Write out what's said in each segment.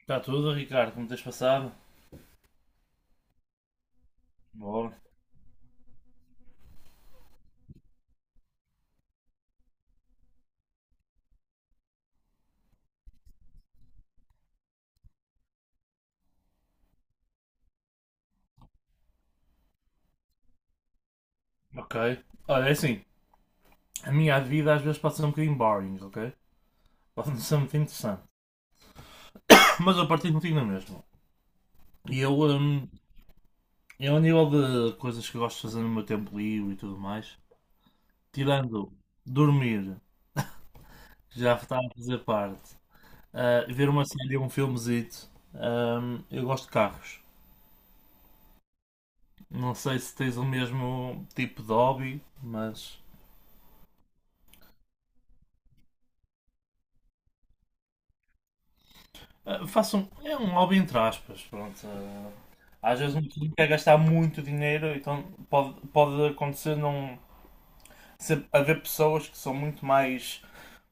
Está tudo, Ricardo? Como tens passado? Bom. Ok. Olha, é assim. A minha vida às vezes pode ser um bocadinho boring, ok? Pode não ser muito interessante. Mas eu partilho contigo na mesma. E eu, a nível de coisas que eu gosto de fazer no meu tempo livre e tudo mais, tirando dormir, que já está a fazer parte, ver uma série ou um filmezito. Hum, eu gosto de carros. Não sei se tens o mesmo tipo de hobby, mas. É um hobby entre aspas, pronto. Às vezes um clube quer gastar muito dinheiro, então pode acontecer não ser, haver pessoas que são muito mais,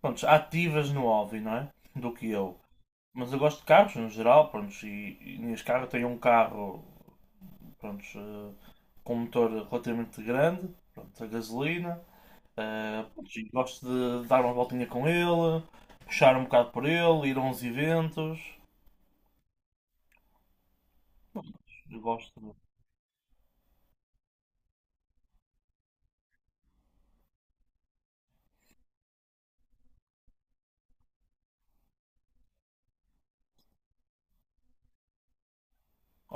pronto, ativas no hobby, não é? Do que eu. Mas eu gosto de carros no geral, pronto, e neste carro eu tenho um carro, pronto, com um motor relativamente grande, pronto, a gasolina. Pronto, e gosto de dar uma voltinha com ele, puxar um bocado por ele, ir a uns eventos. Pronto, eu gosto de.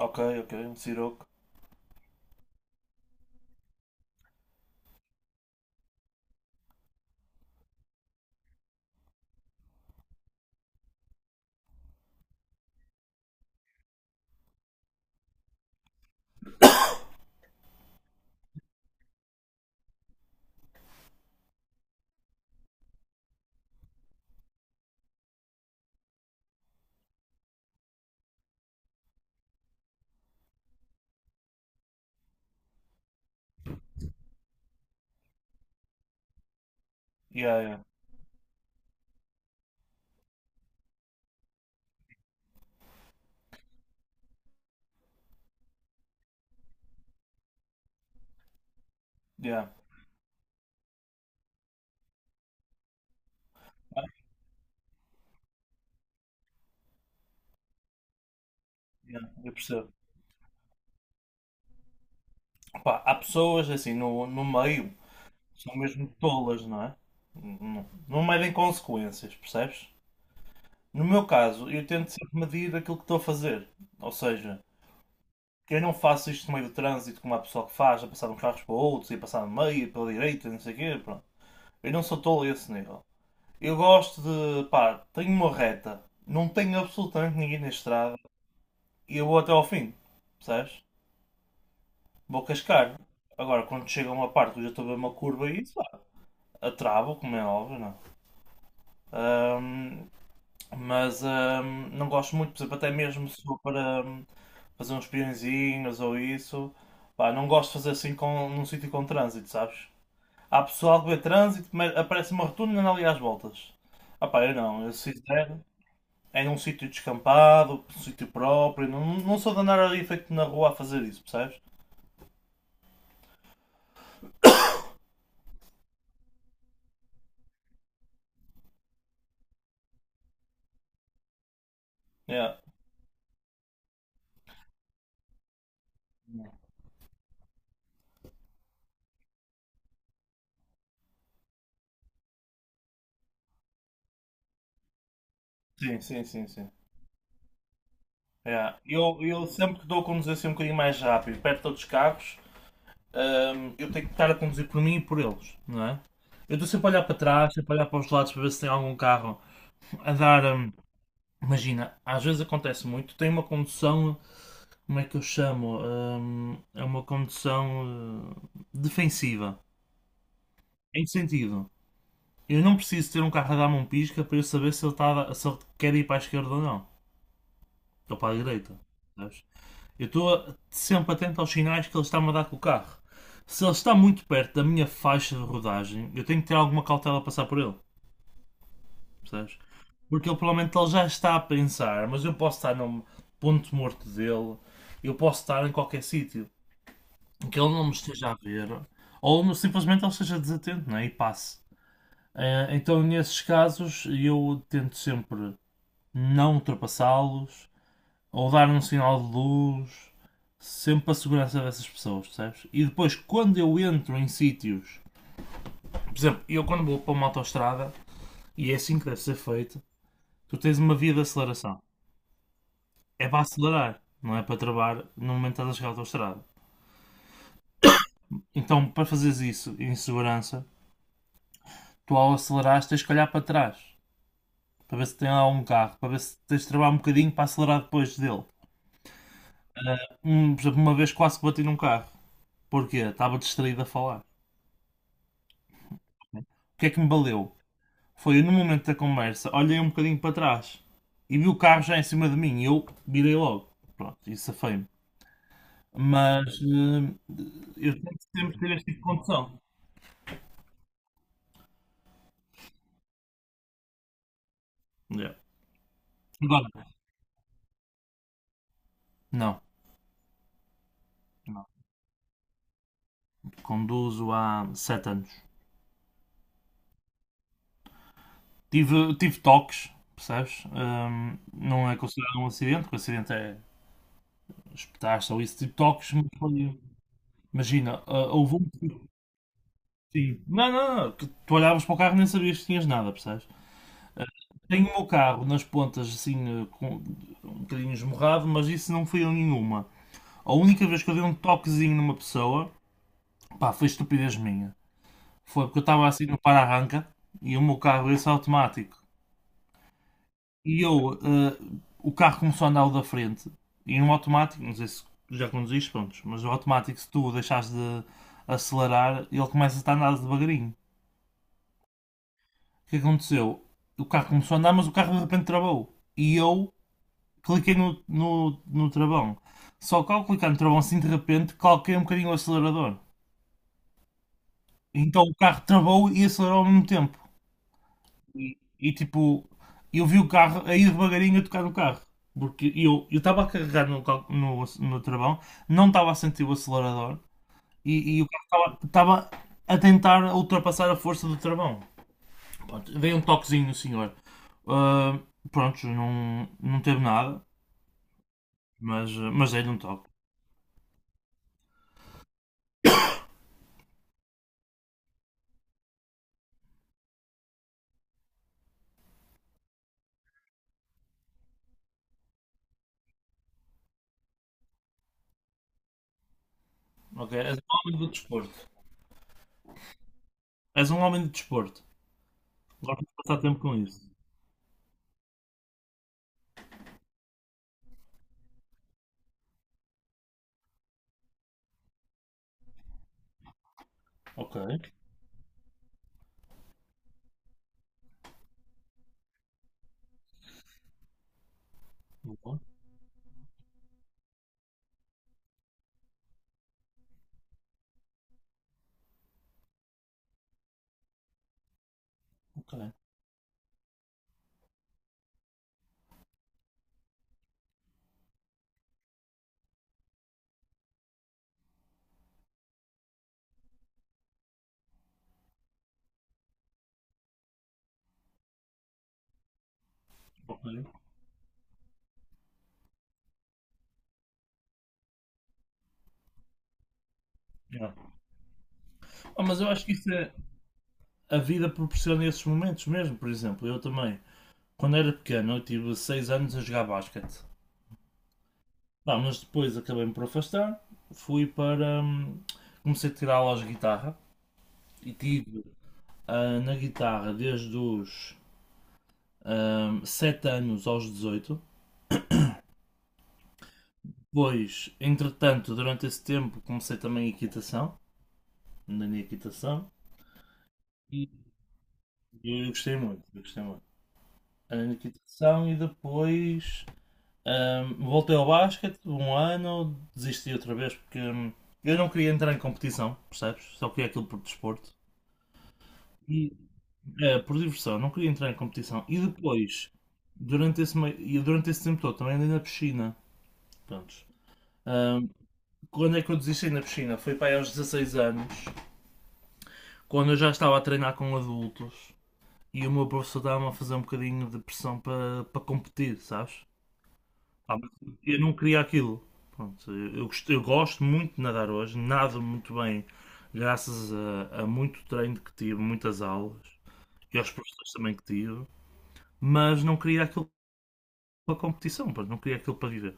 Ok, ok, um Siroco. Yeah, yeah, yeah. Yeah, eu percebo. Pá, há pessoas assim no meio que são mesmo tolas, não é? Não, não medem consequências, percebes? No meu caso, eu tento sempre medir aquilo que estou a fazer. Ou seja, que eu não faço isto no meio do trânsito como há pessoal que faz, a passar de uns carros para outros e passar no meio, e pela direita, e não sei o quê, pronto. Eu não sou tolo a esse nível. Eu gosto de, pá, tenho uma reta, não tenho absolutamente ninguém na estrada e eu vou até ao fim, percebes? Vou cascar. Agora, quando chega a uma parte que eu já estou a ver uma curva e isso, a trava, como é óbvio, não é? Ahm, mas, não gosto muito, por exemplo, até mesmo se for para fazer uns peõezinhos ou isso, pá, não gosto de fazer assim num sítio com trânsito, sabes? Há pessoal que vê trânsito, mas aparece uma rotunda e anda ali às voltas. Ah pá, eu não, eu se fizer é num sítio descampado, num sítio próprio, não, não sou de andar ali feito na rua a fazer isso, percebes? Yeah. Sim, sim, sim, sim. Yeah. Eu sempre que dou a conduzir assim um bocadinho mais rápido, perto de outros carros, eu tenho que estar a conduzir por mim e por eles, não é? Eu estou sempre a olhar para trás, sempre a olhar para os lados para ver se tem algum carro a dar. Imagina, às vezes acontece muito, tem uma condução. Como é que eu chamo? É uma condução, defensiva. Em que sentido? Eu não preciso ter um carro a dar-me um pisca para eu saber se ele, se ele quer ir para a esquerda ou não. Ou para a direita, sabes? Eu estou sempre atento aos sinais que ele está-me a dar com o carro. Se ele está muito perto da minha faixa de rodagem, eu tenho que ter alguma cautela a passar por ele, percebes? Porque ele provavelmente ele já está a pensar, mas eu posso estar no ponto morto dele, eu posso estar em qualquer sítio, que ele não me esteja a ver, ou simplesmente ele esteja desatento, né? E passe. Então, nesses casos, eu tento sempre não ultrapassá-los, ou dar um sinal de luz, sempre para a segurança dessas pessoas, percebes? E depois, quando eu entro em sítios, por exemplo, eu quando vou para uma autoestrada, e é assim que deve ser feito, tu tens uma via de aceleração. É para acelerar, não é para travar no momento que estás a chegar à autoestrada. Então, para fazeres isso em segurança, tu ao acelerares tens que olhar para trás, para ver se tem lá um carro, para ver se tens de travar um bocadinho para acelerar depois dele. Por exemplo, uma vez quase bati num carro. Porquê? Estava distraído a falar. O que é que me valeu? Foi no momento da conversa, olhei um bocadinho para trás e vi o carro já em cima de mim e eu virei logo. Pronto, isso safei-me. Mas eu tento sempre ter este tipo de condução. Yeah. Agora, não, não. Conduzo há 7 anos. Tive, tive toques, percebes? Não é considerado um acidente, porque o acidente é espetar-se ou isso, tipo toques, Imagina, ah, houve um. Sim. Não, não, não, tu olhavas para o carro e nem sabias que tinhas nada, percebes? Tenho o meu carro nas pontas assim, com um bocadinho esmorrado, mas isso não foi a nenhuma. A única vez que eu dei um toquezinho numa pessoa, pá, foi estupidez minha. Foi porque eu estava assim no para-arranca e o meu carro esse é automático. E eu, o carro começou a andar o da frente. E no automático, não sei se já conduziste, pronto, mas o automático, se tu o deixares de acelerar, ele começa a andar devagarinho. O que aconteceu? O carro começou a andar, mas o carro de repente travou. E eu cliquei no travão. Só que ao clicar no travão assim de repente, calquei um bocadinho o acelerador. Então o carro travou e acelerou ao mesmo tempo. E, tipo, eu vi o carro aí devagarinho a tocar no carro. Porque eu estava a carregar no travão, não estava a sentir o acelerador e o carro estava a tentar ultrapassar a força do travão. Pronto, veio um toquezinho no senhor. Ah, pronto, não, não teve nada, mas dei-lhe um toque. Ok, é o homem do desporto. És um homem de desporto. Gosto de passar tempo com isso. Ok. Boa. Ok. Ok. Yeah. Ah, mas eu acho que isso é. A vida proporciona esses momentos mesmo, por exemplo, eu também. Quando era pequeno, eu tive 6 anos a jogar basquete. Pá, mas depois acabei-me por afastar. Fui para. Comecei a tirar aulas de guitarra. E tive na guitarra desde os 7 anos aos 18. Depois, entretanto, durante esse tempo, comecei também a equitação. Andei na equitação. E E eu gostei muito, eu gostei muito. A equitação e depois voltei ao basquete um ano, desisti outra vez porque eu não queria entrar em competição, percebes? Só queria aquilo por desporto. E, por diversão, não queria entrar em competição. E depois, e durante esse tempo todo, também andei na piscina. Prontos. Ahm, Quando é que eu desisti na piscina? Foi para aí aos 16 anos, quando eu já estava a treinar com adultos e o meu professor estava-me a fazer um bocadinho de pressão para competir, sabes? Pá, mas eu não queria aquilo. Pronto, eu gosto muito de nadar hoje, nado muito bem, graças a muito treino que tive, muitas aulas e aos professores também que tive, mas não queria aquilo para competição, pá, não queria aquilo para viver.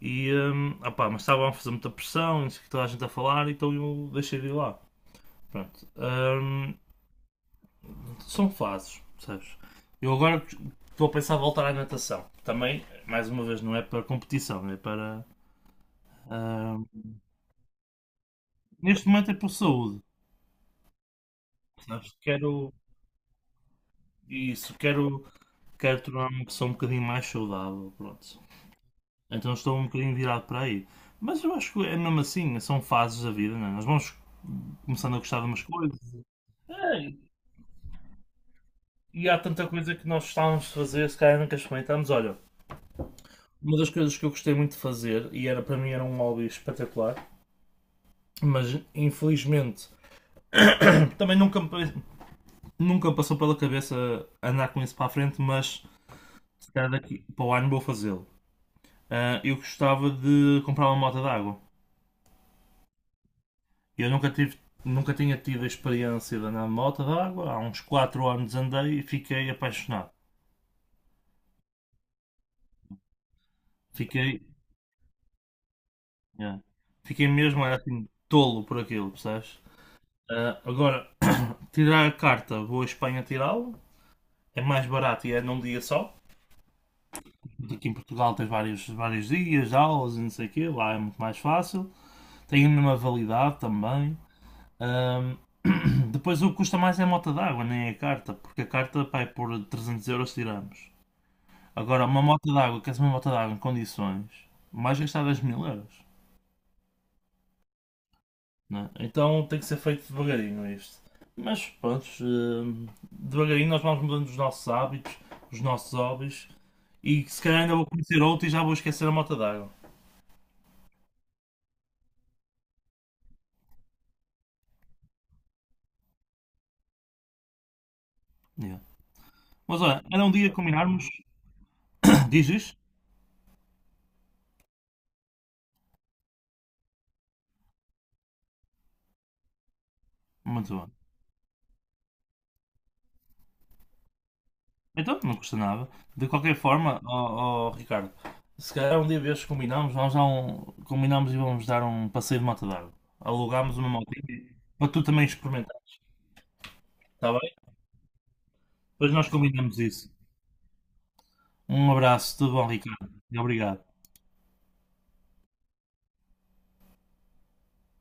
E, opá, mas estavam a fazer muita pressão, e não sei o que toda a gente a falar, então eu deixei de ir lá. Pronto, são fases, percebes? Eu agora estou a pensar em voltar à natação. Também, mais uma vez, não é para competição, é para. Hum, Neste momento é por saúde, sabes? Quero isso, quero, quero tornar-me uma pessoa um bocadinho mais saudável, pronto. Então estou um bocadinho virado para aí. Mas eu acho que é mesmo assim, são fases da vida, não é? Nós vamos começando a gostar de umas coisas. É, e há tanta coisa que nós gostávamos de fazer, se calhar nunca experimentámos. Olha, uma das coisas que eu gostei muito de fazer, e era para mim era um hobby espetacular, mas infelizmente também nunca me passou pela cabeça andar com isso para a frente, mas se calhar daqui para o ano vou fazê-lo. Eu gostava de comprar uma moto d'água. Eu nunca tive, nunca tinha tido a experiência de andar de moto d'água. Há uns 4 anos andei e fiquei apaixonado. Fiquei, yeah. Fiquei mesmo, era assim, tolo por aquilo, percebes? Ah, agora, tirar a carta, vou à Espanha tirá-la. É mais barato e é num dia só. Aqui em Portugal tens vários, vários dias, aulas e não sei o quê. Lá é muito mais fácil. Tem a mesma validade também. Ahm, Depois o que custa mais é a moto d'água, nem é a carta, porque a carta pá, é por 300 euros tiramos. Agora, uma moto d'água, que queres uma moto d'água em condições, mais gastar 10 mil euros, né? Então tem que ser feito devagarinho isto. Mas pronto, devagarinho nós vamos mudando os nossos hábitos, os nossos hobbies, e se calhar ainda vou conhecer outro e já vou esquecer a moto d'água. Yeah. Mas olha, era um dia combinarmos. Dizes? Muito bom. Então, não custa nada. De qualquer forma, ó, ó, Ricardo, se calhar um dia destes combinamos, vamos dar um, combinamos e vamos dar um passeio de moto d'água. Alugamos uma motinha para tu também experimentar, está bem? Depois nós combinamos isso. Um abraço, tudo bom, Ricardo? E obrigado.